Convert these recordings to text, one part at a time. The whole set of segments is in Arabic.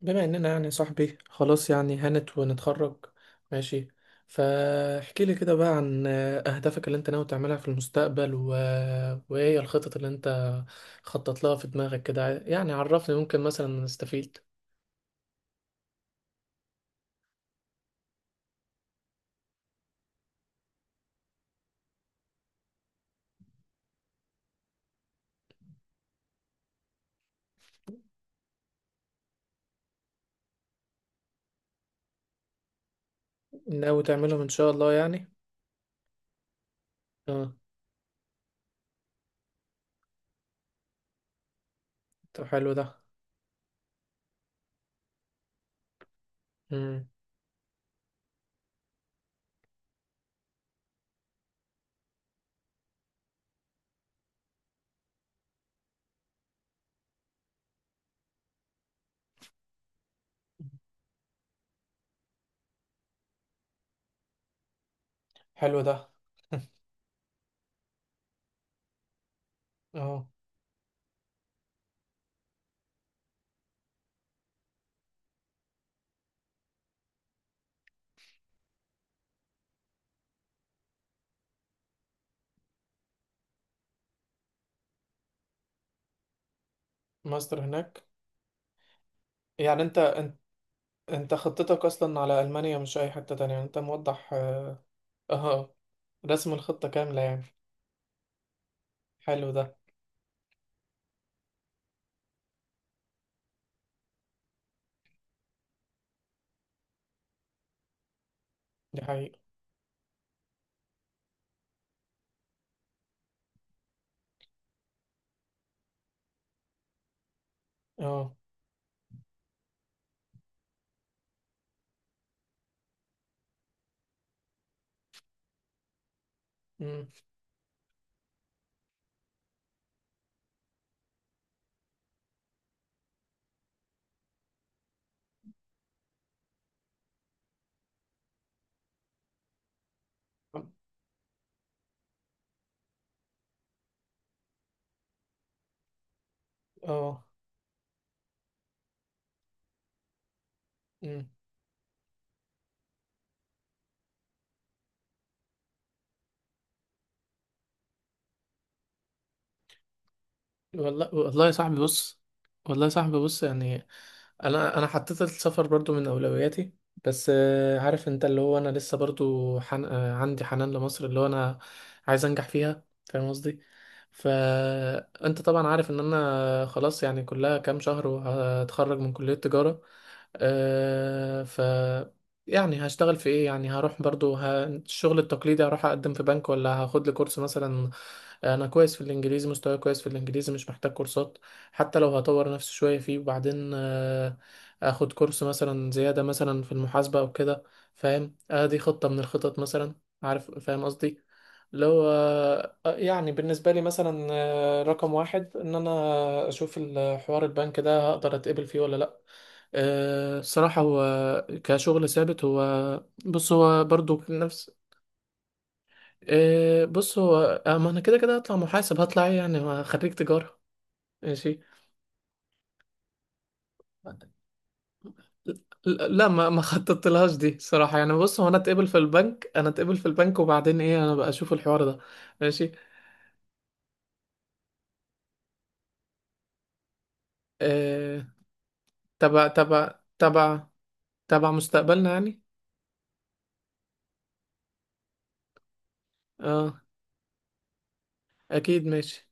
بما اننا يعني صاحبي خلاص، يعني هانت ونتخرج. ماشي، فاحكي لي كده بقى عن اهدافك اللي انت ناوي تعملها في المستقبل وايه هي الخطط اللي انت خطط لها في دماغك كده. يعني عرفني ممكن مثلا نستفيد. ناوي تعملهم ان شاء الله يعني؟ اه. طب حلو ده. امم. حلو ده. اه. ماستر هناك. يعني انت خطتك اصلا على المانيا، مش اي حتة تانية، يعني انت موضح. اه. آه، رسم الخطة كاملة يعني. حلو ده. دي حقيقة. اه. امم. اه. امم. والله والله يا صاحبي بص. والله يا صاحبي بص، يعني انا حطيت السفر برضو من اولوياتي. بس عارف انت، اللي هو انا لسه برضو حن... آه، عندي حنان لمصر، اللي هو انا عايز انجح فيها، فاهم قصدي؟ فانت طبعا عارف ان انا خلاص، يعني كلها كام شهر وهتخرج من كلية تجارة. آه، ف يعني هشتغل في ايه؟ يعني هروح برضو الشغل التقليدي، هروح اقدم في بنك، ولا هاخد لي كورس مثلا. انا كويس في الانجليزي، مستواي كويس في الانجليزي، مش محتاج كورسات. حتى لو هطور نفسي شوية فيه، وبعدين اخد كورس مثلا زيادة مثلا في المحاسبة او كده. فاهم؟ آه، دي خطة من الخطط مثلا. عارف، فاهم قصدي؟ لو يعني بالنسبة لي مثلا، رقم واحد ان انا اشوف الحوار البنك ده، هقدر اتقبل فيه ولا لا. الصراحة هو كشغل ثابت، هو بص هو برضو نفس. إيه بص هو، ما انا كده كده هطلع محاسب، هطلع ايه يعني، ما خريج تجارة. ماشي. لا، ما خططت لهاش دي صراحة، يعني بص هو انا اتقبل في البنك، انا اتقبل في البنك وبعدين ايه، انا بقى اشوف الحوار ده. ماشي. إيه. تبع تبع تبع، تبع مستقبلنا يعني. اه اكيد، ماشي.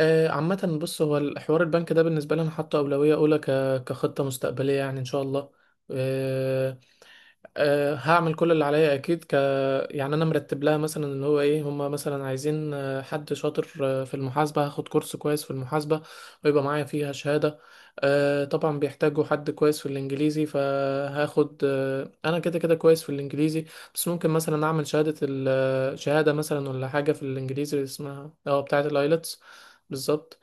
عامة بص، هو الحوار البنك ده بالنسبة لي، أنا حاطه أولوية أولى كخطة مستقبلية يعني إن شاء الله. آه، أه هعمل كل اللي عليا اكيد. يعني انا مرتب لها، مثلا اللي هو ايه، هما مثلا عايزين حد شاطر في المحاسبه، هاخد كورس كويس في المحاسبه، ويبقى معايا فيها شهاده. أه طبعا بيحتاجوا حد كويس في الانجليزي، فهاخد أه، انا كده كده كويس في الانجليزي، بس ممكن مثلا اعمل شهاده ال... آه، شهاده مثلا ولا حاجه في الانجليزي اللي اسمها اه بتاعه الايلتس. بالظبط.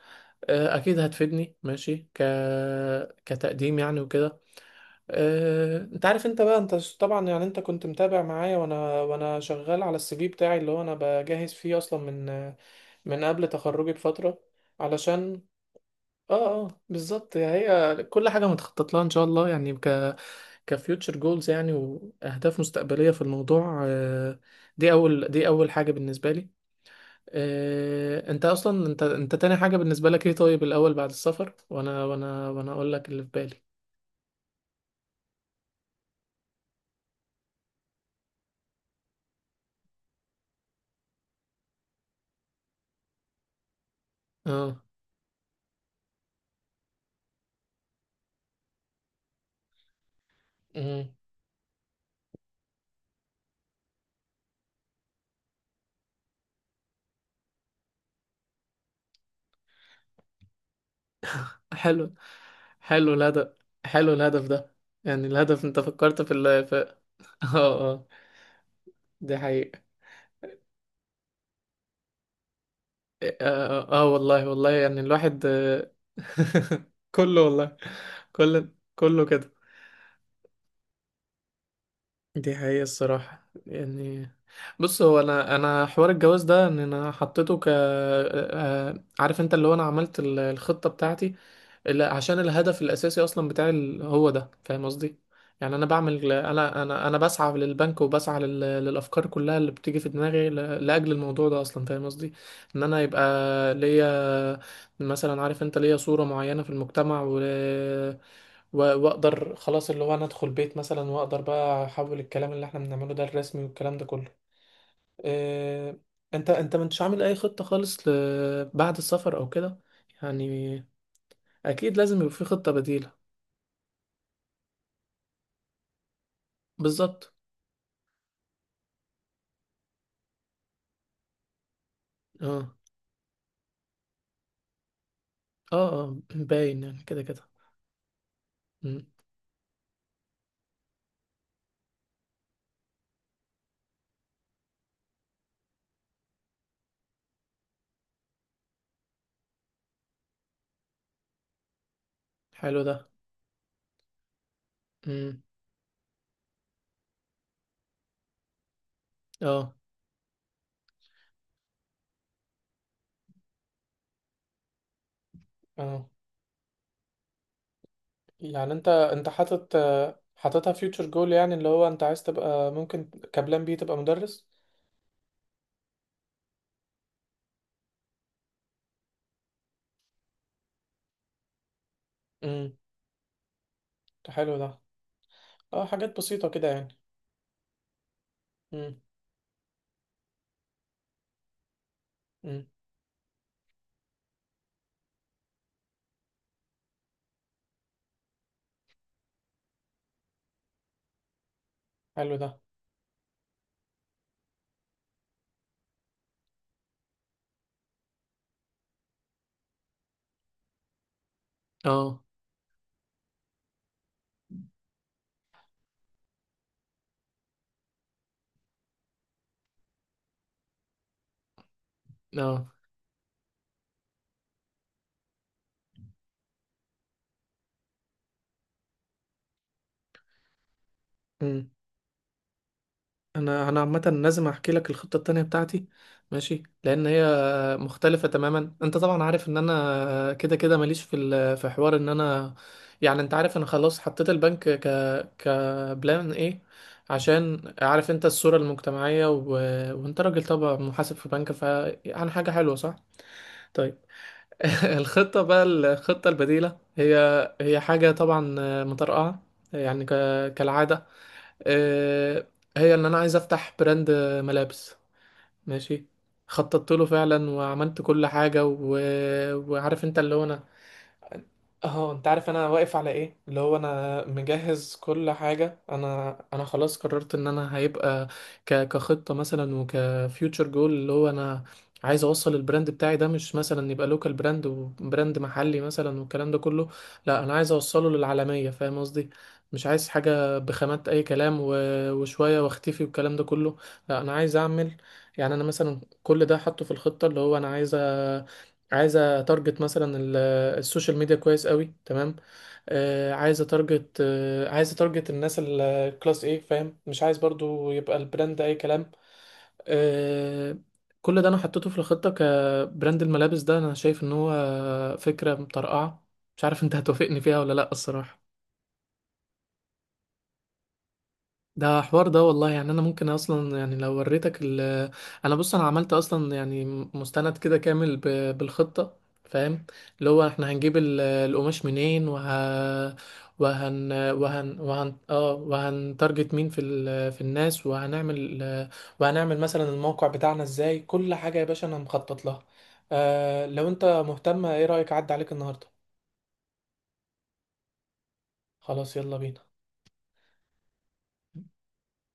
اكيد هتفيدني، ماشي كتقديم يعني وكده. انت عارف، انت بقى، انت طبعا، يعني انت كنت متابع معايا، وانا شغال على السي في بتاعي، اللي هو انا بجهز فيه اصلا من من قبل تخرجي بفترة، علشان اه. اه بالظبط، يعني هي كل حاجة متخطط لها ان شاء الله، يعني كفيوتشر جولز يعني، واهداف مستقبلية في الموضوع. دي اول حاجة بالنسبة لي. انت اصلا، انت تاني حاجة بالنسبة لك ايه؟ طيب، الاول بعد السفر وانا اقول لك اللي في بالي. اه. حلو. حلو الهدف. حلو الهدف ده. يعني الهدف، انت فكرت في ال في. اه اه. دي حقيقة. اه، والله والله، يعني الواحد. كله والله. كله كده. دي حقيقة الصراحة، يعني بص، هو انا حوار الجواز ده ان انا حطيته ك. عارف انت، اللي هو انا عملت الخطة بتاعتي، اللي عشان الهدف الاساسي اصلا بتاعي هو ده، فاهم قصدي؟ يعني انا بعمل، انا بسعى للبنك، وبسعى للافكار كلها اللي بتيجي في دماغي لاجل الموضوع ده اصلا، فاهم قصدي؟ ان انا يبقى ليا، مثلا عارف انت، ليا صورة معينة في المجتمع، واقدر خلاص، اللي هو انا ادخل بيت مثلا، واقدر بقى احول الكلام اللي احنا بنعمله ده الرسمي والكلام ده كله. إيه، انت مش عامل اي خطة خالص بعد السفر او كده، يعني اكيد لازم يبقى في خطة بديلة. بالظبط. اه اه. اه باين يعني، كده كده. مم. حلو ده. مم. اه اه. يعني انت، انت حاططها فيوتشر جول، يعني اللي هو انت عايز تبقى ممكن كبلان بي تبقى مدرس. امم. حلو ده. اه، حاجات بسيطة كده يعني. امم. حلو ده. اه اه. امم. انا عامه لازم احكي لك الخطه التانية بتاعتي. ماشي، لان هي مختلفه تماما. انت طبعا عارف ان انا كده كده ماليش في في حوار ان انا، يعني انت عارف انا خلاص حطيت البنك كبلان ايه، عشان عارف انت الصوره المجتمعيه، وانت راجل طبعا محاسب في بنك، فعن حاجه حلوه، صح؟ طيب. الخطه بقى، الخطه البديله، هي هي حاجه طبعا مطرقعه، يعني كالعاده. آه، هي ان انا عايز افتح براند ملابس. ماشي. خططت له فعلا، وعملت كل حاجة، وعارف انت، اللي هو انا، اهو انت عارف انا واقف على ايه، اللي هو انا مجهز كل حاجه. انا خلاص قررت ان انا هيبقى كخطه مثلا، وكفيوتشر جول، اللي هو انا عايز اوصل البراند بتاعي ده، مش مثلا يبقى لوكال براند، وبراند محلي مثلا والكلام ده كله. لا، انا عايز اوصله للعالميه، فاهم قصدي؟ مش عايز حاجه بخامات اي كلام، وشويه واختفي والكلام ده كله. لا، انا عايز اعمل، يعني انا مثلا كل ده حاطه في الخطه، اللي هو انا عايز اتارجت مثلا السوشيال ميديا كويس قوي تمام. عايز اتارجت الناس الكلاس ايه، فاهم؟ مش عايز برضو يبقى البراند اي كلام. آه، كل ده انا حطيته في الخطة، كبراند الملابس ده انا شايف ان هو فكرة مطرقعة. مش عارف انت هتوافقني فيها ولا لا، الصراحة. ده حوار، ده والله، يعني انا ممكن اصلا، يعني لو وريتك ال، انا بص انا عملت اصلا يعني مستند كده كامل بالخطة، فاهم؟ اللي هو احنا هنجيب القماش منين، وهن اه وهنتارجت مين في في الناس، وهنعمل، وهنعمل مثلا الموقع بتاعنا ازاي. كل حاجة يا باشا انا مخطط لها. آه، لو انت مهتم، ايه رأيك اعدي عليك النهاردة؟ خلاص، يلا بينا.